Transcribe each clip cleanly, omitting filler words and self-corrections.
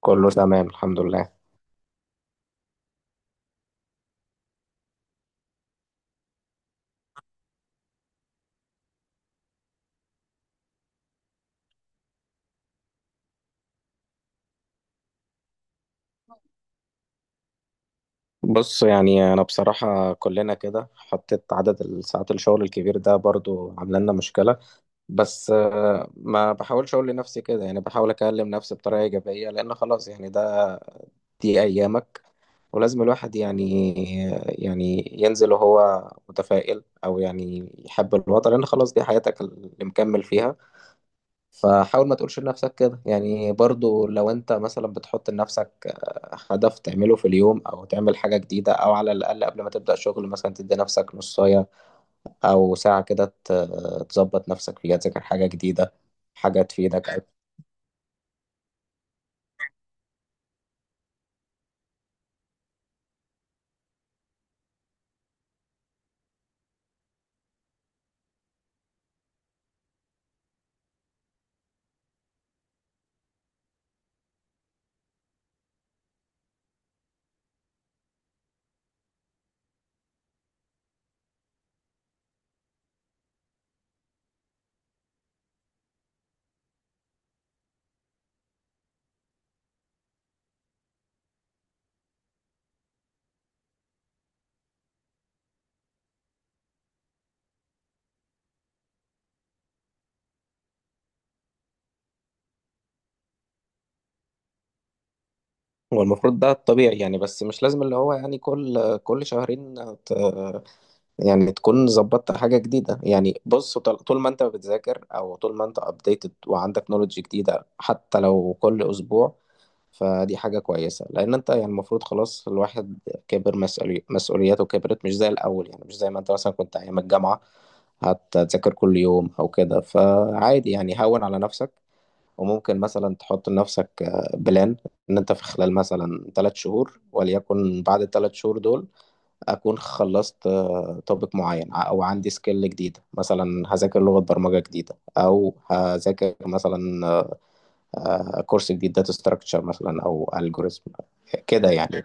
كله تمام الحمد لله. بص يعني انا بصراحة كلنا كده، حطيت عدد الساعات الشغل الكبير ده برضو عامله لنا مشكلة. بس ما بحاولش اقول لنفسي كده، يعني بحاول اكلم نفسي بطريقة ايجابية، لان خلاص يعني دي ايامك، ولازم الواحد يعني ينزل وهو متفائل، او يعني يحب الوضع، لان خلاص دي حياتك اللي مكمل فيها. فحاول ما تقولش لنفسك كده، يعني برضو لو انت مثلا بتحط لنفسك هدف تعمله في اليوم، او تعمل حاجة جديدة، او على الاقل قبل ما تبدأ شغل مثلا تدي نفسك نصاية او ساعة كده تظبط نفسك فيها، تذاكر حاجة جديدة، حاجة تفيدك. هو المفروض ده الطبيعي يعني، بس مش لازم اللي هو يعني كل شهرين ت... يعني تكون ظبطت حاجة جديدة. يعني بص، طول ما انت بتذاكر او طول ما انت updated، وعندك نولج جديدة حتى لو كل اسبوع، فدي حاجة كويسة. لأن أنت يعني المفروض خلاص الواحد مسؤولياته كبرت، مش زي الأول. يعني مش زي ما أنت مثلا كنت أيام الجامعة هتذاكر كل يوم أو كده، فعادي يعني هون على نفسك. وممكن مثلا تحط لنفسك بلان إن أنت في خلال مثلا ثلاث شهور، وليكن بعد الثلاث شهور دول أكون خلصت توبيك معين، أو عندي سكيل جديدة، مثلا هذاكر لغة برمجة جديدة، أو هذاكر مثلا كورس جديد داتا ستراكشر مثلا او الجوريزم كده يعني.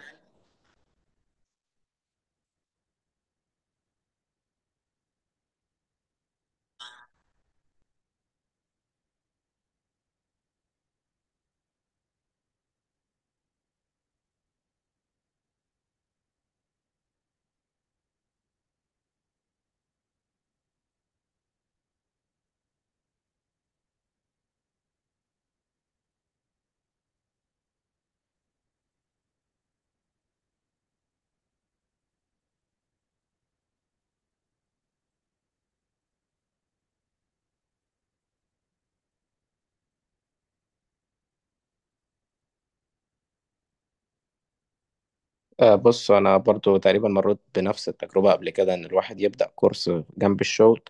بص انا برضو تقريبا مريت بنفس التجربه قبل كده، ان الواحد يبدا كورس جنب الشغل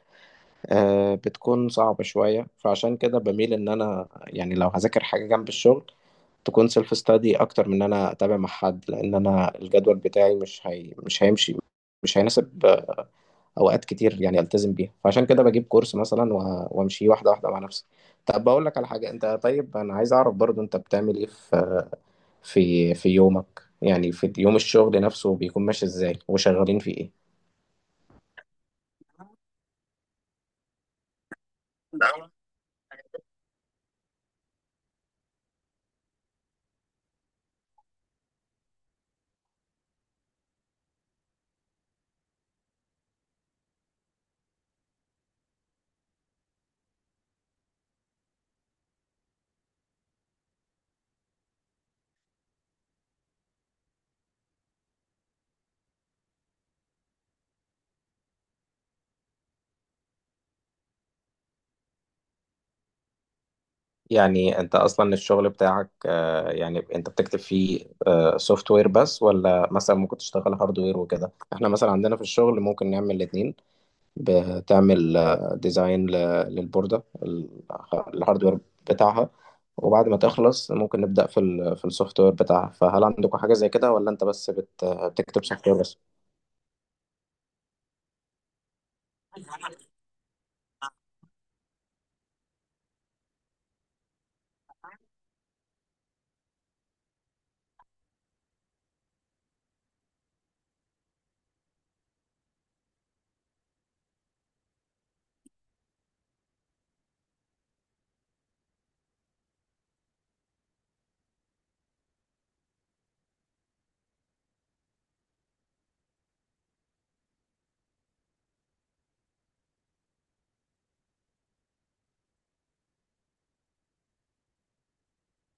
بتكون صعبه شويه. فعشان كده بميل ان انا يعني لو هذاكر حاجه جنب الشغل تكون سيلف ستادي، اكتر من ان انا اتابع مع حد، لان انا الجدول بتاعي مش هيمشي، مش هيناسب اوقات كتير يعني التزم بيها. فعشان كده بجيب كورس مثلا وامشي واحده واحده مع نفسي. طب بقول لك على حاجه، انت طيب انا عايز اعرف برضو انت بتعمل ايه في في يومك؟ يعني في يوم الشغل نفسه بيكون ماشي ازاي، وشغالين في ايه؟ يعني انت اصلا الشغل بتاعك يعني انت بتكتب فيه سوفت وير بس، ولا مثلا ممكن تشتغل هارد وير وكده؟ احنا مثلا عندنا في الشغل ممكن نعمل الاثنين، بتعمل ديزاين للبوردة، الهارد وير بتاعها، وبعد ما تخلص ممكن نبدأ في في السوفت وير بتاعها. فهل عندكم حاجة زي كده، ولا انت بس بتكتب سوفت وير؟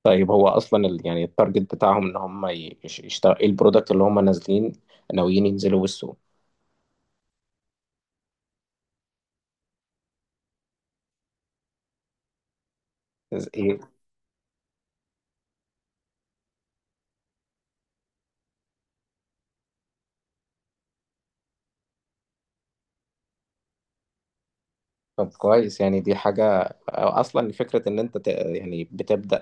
طيب هو اصلا يعني التارجت بتاعهم ان هم يشتغل ايه البرودكت اللي هم نازلين ناويين ينزلوا بالسوق؟ ايه؟ طب كويس، يعني دي حاجة أو اصلا فكرة ان انت يعني بتبدأ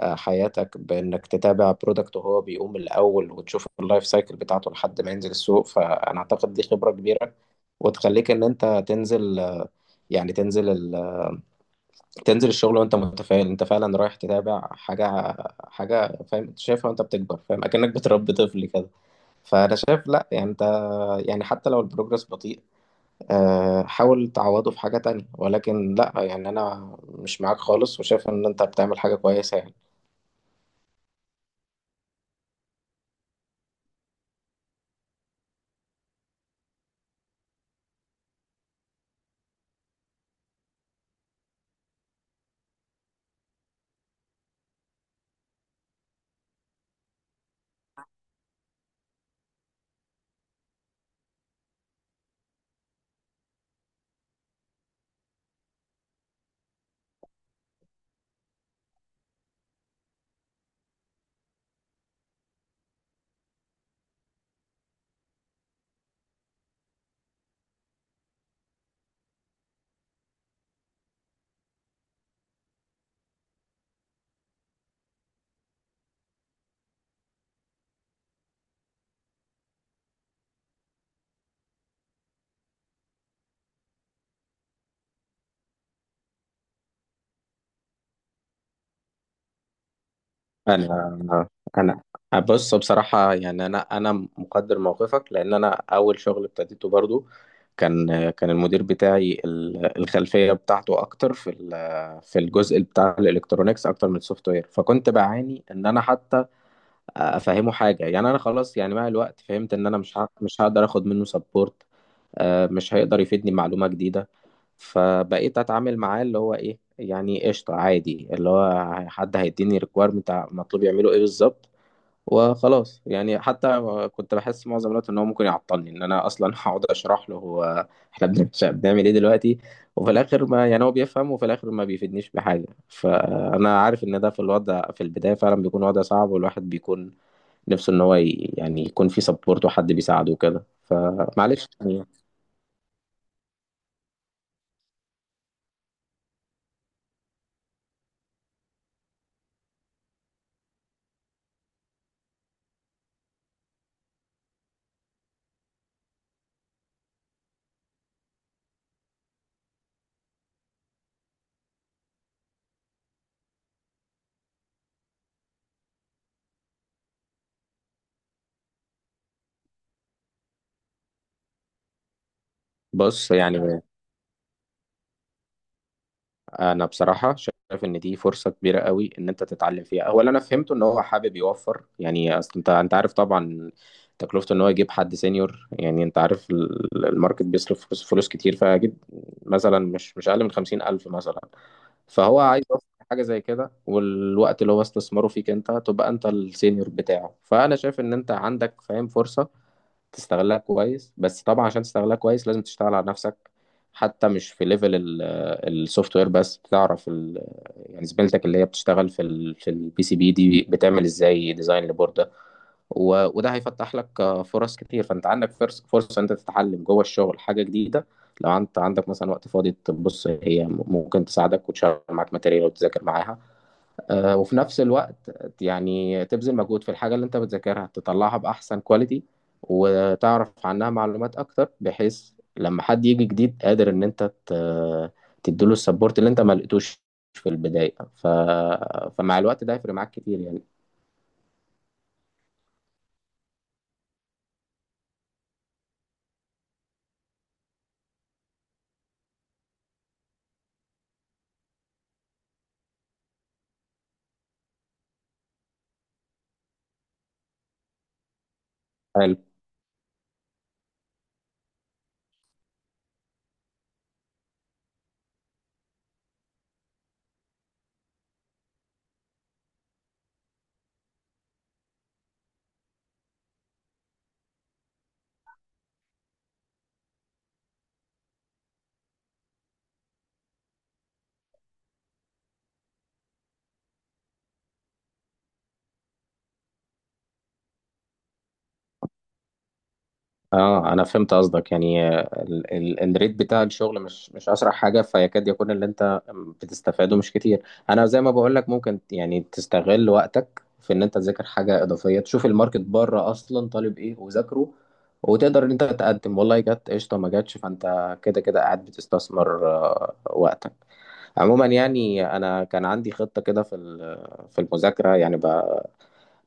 حياتك بانك تتابع برودكت وهو بيقوم الاول، وتشوف اللايف سايكل بتاعته لحد ما ينزل السوق. فانا اعتقد دي خبرة كبيرة، وتخليك ان انت تنزل يعني تنزل ال... تنزل الشغل وانت متفائل، انت فعلا رايح تتابع حاجة، حاجة فاهم أنت شايفها وانت بتكبر فاهم، اكنك بتربي طفل كده. فانا شايف لا، يعني انت يعني حتى لو البروجرس بطيء حاول تعوضه في حاجة تانية، ولكن لا يعني انا مش معاك خالص، وشايف ان انت بتعمل حاجة كويسة يعني. انا انا بص، بصراحه يعني انا مقدر موقفك. لان انا اول شغل ابتديته برضو كان المدير بتاعي الخلفيه بتاعته اكتر في في الجزء بتاع الالكترونيكس اكتر من السوفت وير. فكنت بعاني ان انا حتى افهمه حاجه، يعني انا خلاص يعني مع الوقت فهمت ان انا مش هقدر اخد منه سبورت، مش هيقدر يفيدني معلومه جديده. فبقيت اتعامل معاه اللي هو ايه يعني قشطه عادي، اللي هو حد هيديني ريكويرمنت مطلوب يعمله ايه بالظبط وخلاص. يعني حتى كنت بحس معظم الوقت ان هو ممكن يعطلني، ان انا اصلا هقعد اشرح له هو احنا بنعمل ايه دلوقتي، وفي الاخر ما يعني هو بيفهم، وفي الاخر ما بيفيدنيش بحاجه. فانا عارف ان ده في الوضع في البدايه فعلا بيكون وضع صعب، والواحد بيكون نفسه ان هو يعني يكون في سبورت وحد بيساعده وكده، فمعلش يعني. بص يعني انا بصراحه شايف ان دي فرصه كبيره قوي ان انت تتعلم فيها. اولا انا فهمته ان هو حابب يوفر، يعني اصل انت عارف طبعا تكلفته ان هو يجيب حد سينيور. يعني انت عارف الماركت بيصرف فلوس، فلوس كتير، فاكيد مثلا مش اقل من 50,000 مثلا. فهو عايز يوفر حاجه زي كده، والوقت اللي هو استثماره فيك انت تبقى انت السينيور بتاعه. فانا شايف ان انت عندك، فاهم، فرصه تستغلها كويس. بس طبعا عشان تستغلها كويس لازم تشتغل على نفسك، حتى مش في ليفل السوفت وير بس، تعرف يعني زميلتك اللي هي بتشتغل في في البي سي بي دي بتعمل ازاي ديزاين لبورده. وده هيفتح لك فرص كتير. فانت عندك فرصه انت تتعلم جوه الشغل حاجه جديده، لو انت عندك مثلا وقت فاضي تبص هي ممكن تساعدك وتشغل معاك ماتيريال وتذاكر معاها. وفي نفس الوقت يعني تبذل مجهود في الحاجة اللي انت بتذاكرها، تطلعها بأحسن كواليتي، وتعرف عنها معلومات أكتر، بحيث لما حد يجي جديد قادر إن انت تديله السبورت اللي انت ما لقيتوش في البداية. فمع الوقت ده هيفرق معاك كتير يعني. اه انا فهمت قصدك، يعني الريت بتاع الشغل مش اسرع حاجه، فيكاد يكون اللي انت بتستفاده مش كتير. انا زي ما بقول لك ممكن يعني تستغل وقتك في ان انت تذاكر حاجه اضافيه، تشوف الماركت بره اصلا طالب ايه وذاكره، وتقدر ان انت تقدم، والله جت قشطه ما جاتش، فانت كده كده قاعد بتستثمر وقتك. عموما يعني انا كان عندي خطه كده في في المذاكره، يعني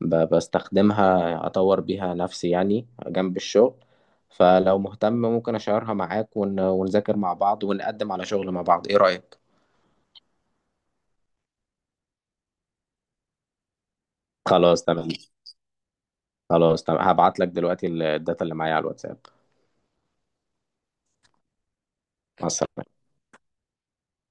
بستخدمها أطور بيها نفسي يعني جنب الشغل. فلو مهتم ممكن أشيرها معاك ونذاكر مع بعض، ونقدم على شغل مع بعض، إيه رأيك؟ خلاص تمام. خلاص تمام، هبعت لك دلوقتي الداتا اللي معايا على الواتساب. مع السلامة.